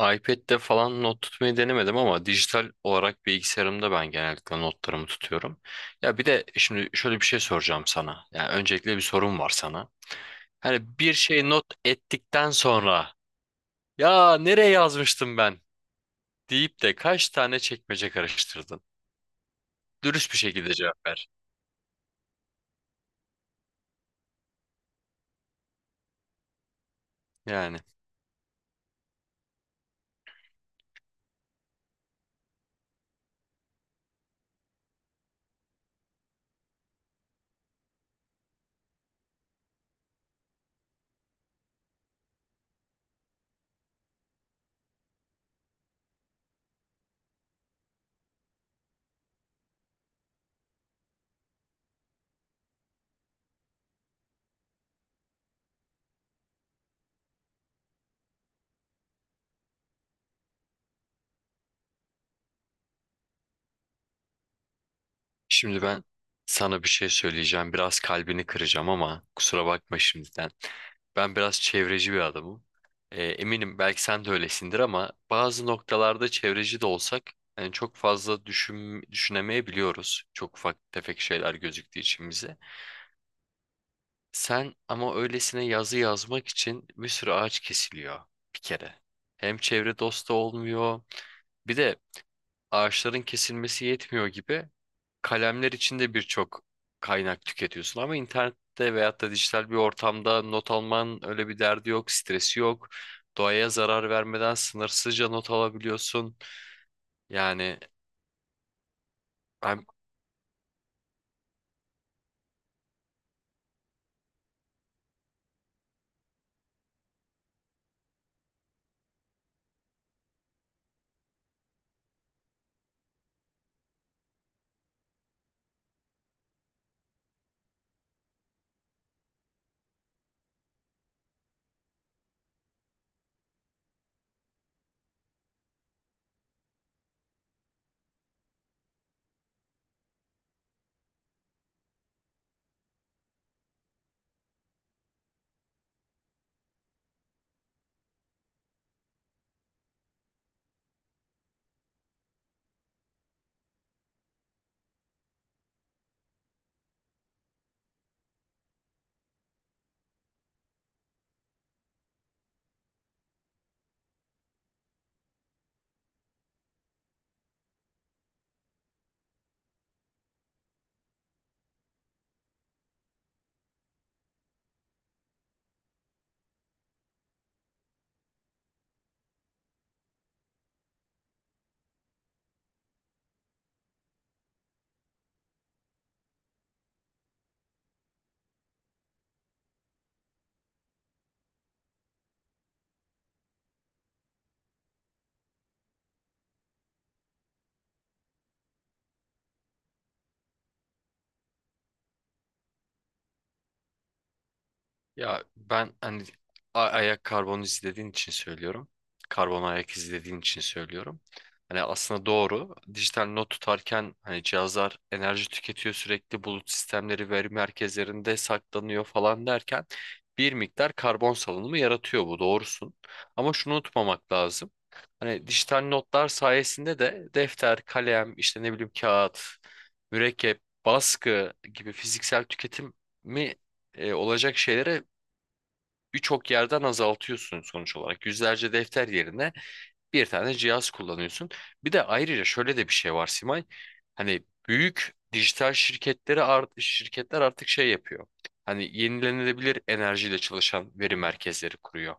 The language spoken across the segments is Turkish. iPad'de falan not tutmayı denemedim ama dijital olarak bilgisayarımda ben genellikle notlarımı tutuyorum. Ya bir de şimdi şöyle bir şey soracağım sana. Yani öncelikle bir sorum var sana. Hani bir şey not ettikten sonra ya nereye yazmıştım ben deyip de kaç tane çekmece karıştırdın? Dürüst bir şekilde cevap ver. Yani şimdi ben sana bir şey söyleyeceğim. Biraz kalbini kıracağım ama kusura bakma şimdiden. Ben biraz çevreci bir adamım. Eminim belki sen de öylesindir ama bazı noktalarda çevreci de olsak yani çok fazla düşünemeyebiliyoruz. Çok ufak tefek şeyler gözüktüğü için bize. Sen ama öylesine yazı yazmak için bir sürü ağaç kesiliyor bir kere. Hem çevre dostu olmuyor bir de ağaçların kesilmesi yetmiyor gibi kalemler içinde birçok kaynak tüketiyorsun ama internette veyahut da dijital bir ortamda not alman öyle bir derdi yok, stresi yok. Doğaya zarar vermeden sınırsızca not alabiliyorsun. Yani hem ya ben hani ayak karbonu izlediğin için söylüyorum. Karbon ayak izlediğin için söylüyorum. Hani aslında doğru. Dijital not tutarken hani cihazlar enerji tüketiyor, sürekli bulut sistemleri veri merkezlerinde saklanıyor falan derken bir miktar karbon salınımı yaratıyor, bu doğrusun. Ama şunu unutmamak lazım. Hani dijital notlar sayesinde de defter, kalem, işte ne bileyim kağıt, mürekkep, baskı gibi fiziksel tüketim mi olacak şeylere birçok yerden azaltıyorsun sonuç olarak. Yüzlerce defter yerine bir tane cihaz kullanıyorsun. Bir de ayrıca şöyle de bir şey var Simay. Hani büyük dijital şirketler artık şey yapıyor. Hani yenilenebilir enerjiyle çalışan veri merkezleri kuruyor.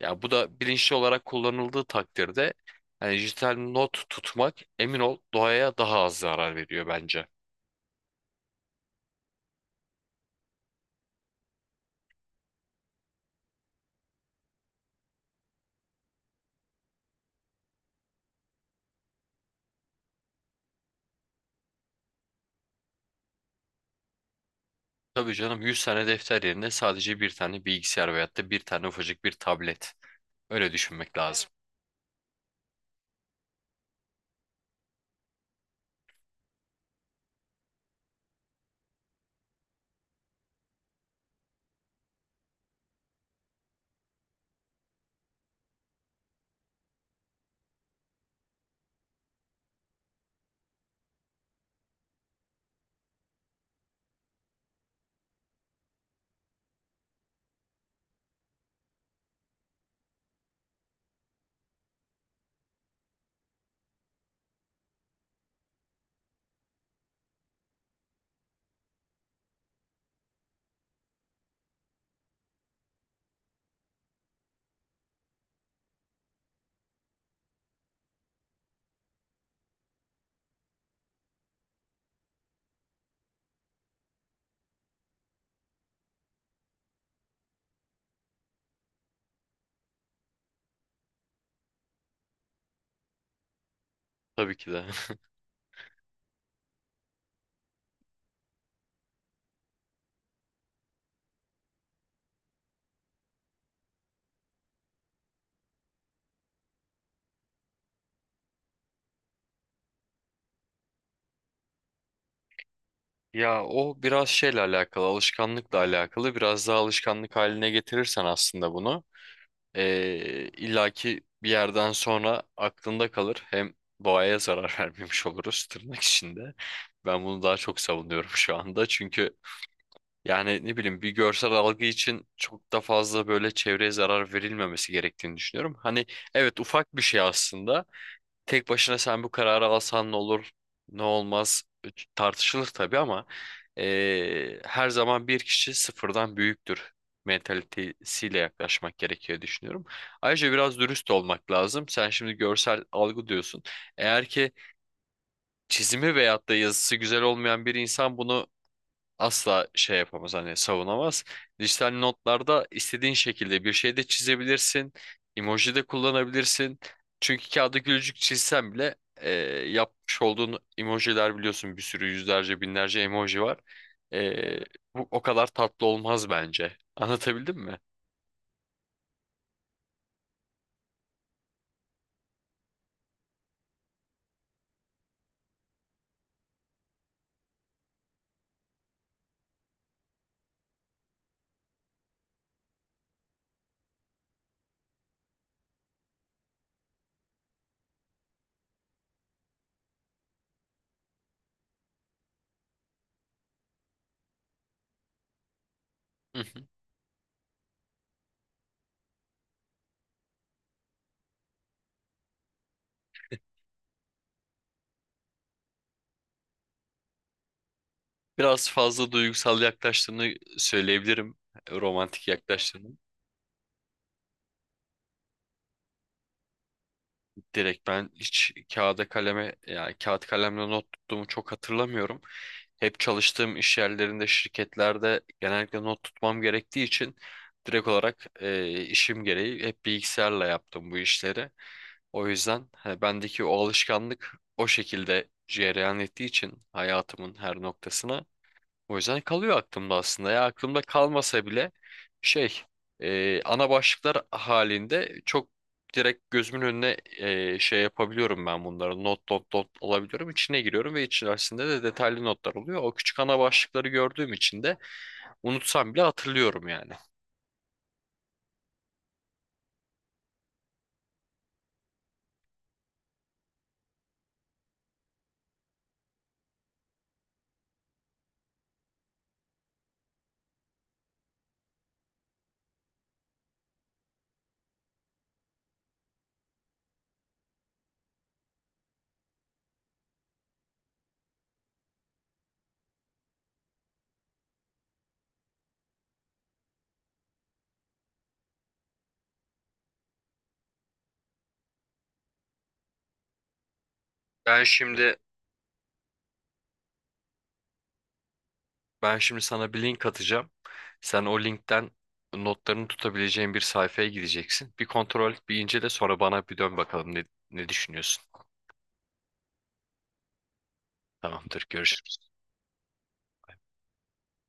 Ya bu da bilinçli olarak kullanıldığı takdirde hani dijital not tutmak, emin ol, doğaya daha az zarar veriyor bence. Tabii canım, yüz tane defter yerine sadece bir tane bilgisayar veyahut da bir tane ufacık bir tablet. Öyle düşünmek lazım. Tabii ki de. Ya o biraz şeyle alakalı, alışkanlıkla alakalı. Biraz daha alışkanlık haline getirirsen aslında bunu, illaki bir yerden sonra aklında kalır. Hem doğaya zarar vermemiş oluruz tırnak içinde. Ben bunu daha çok savunuyorum şu anda. Çünkü yani ne bileyim bir görsel algı için çok da fazla böyle çevreye zarar verilmemesi gerektiğini düşünüyorum. Hani evet, ufak bir şey aslında. Tek başına sen bu kararı alsan ne olur, ne olmaz tartışılır tabii ama her zaman bir kişi sıfırdan büyüktür mentalitesiyle yaklaşmak gerekiyor düşünüyorum. Ayrıca biraz dürüst olmak lazım. Sen şimdi görsel algı diyorsun. Eğer ki çizimi veyahut da yazısı güzel olmayan bir insan bunu asla şey yapamaz, hani savunamaz. Dijital notlarda istediğin şekilde bir şey de çizebilirsin. Emoji de kullanabilirsin. Çünkü kağıda gülücük çizsen bile yapmış olduğun emojiler, biliyorsun, bir sürü yüzlerce binlerce emoji var. E, bu o kadar tatlı olmaz bence. Anlatabildim mi? Hı hı. Biraz fazla duygusal yaklaştığını söyleyebilirim. Romantik yaklaştığını. Direkt ben hiç kağıda kaleme yani kağıt kalemle not tuttuğumu çok hatırlamıyorum. Hep çalıştığım iş yerlerinde, şirketlerde genellikle not tutmam gerektiği için direkt olarak işim gereği hep bilgisayarla yaptım bu işleri. O yüzden hani bendeki o alışkanlık o şekilde cereyan ettiği için hayatımın her noktasına o yüzden kalıyor aklımda aslında. Ya aklımda kalmasa bile şey ana başlıklar halinde çok direkt gözümün önüne şey yapabiliyorum ben bunları. Not not not alabiliyorum. İçine giriyorum ve içerisinde de detaylı notlar oluyor. O küçük ana başlıkları gördüğüm için de unutsam bile hatırlıyorum yani. Ben şimdi Ben şimdi sana bir link atacağım. Sen o linkten notlarını tutabileceğin bir sayfaya gideceksin. Bir kontrol et, bir incele, sonra bana bir dön bakalım ne düşünüyorsun. Tamamdır, görüşürüz.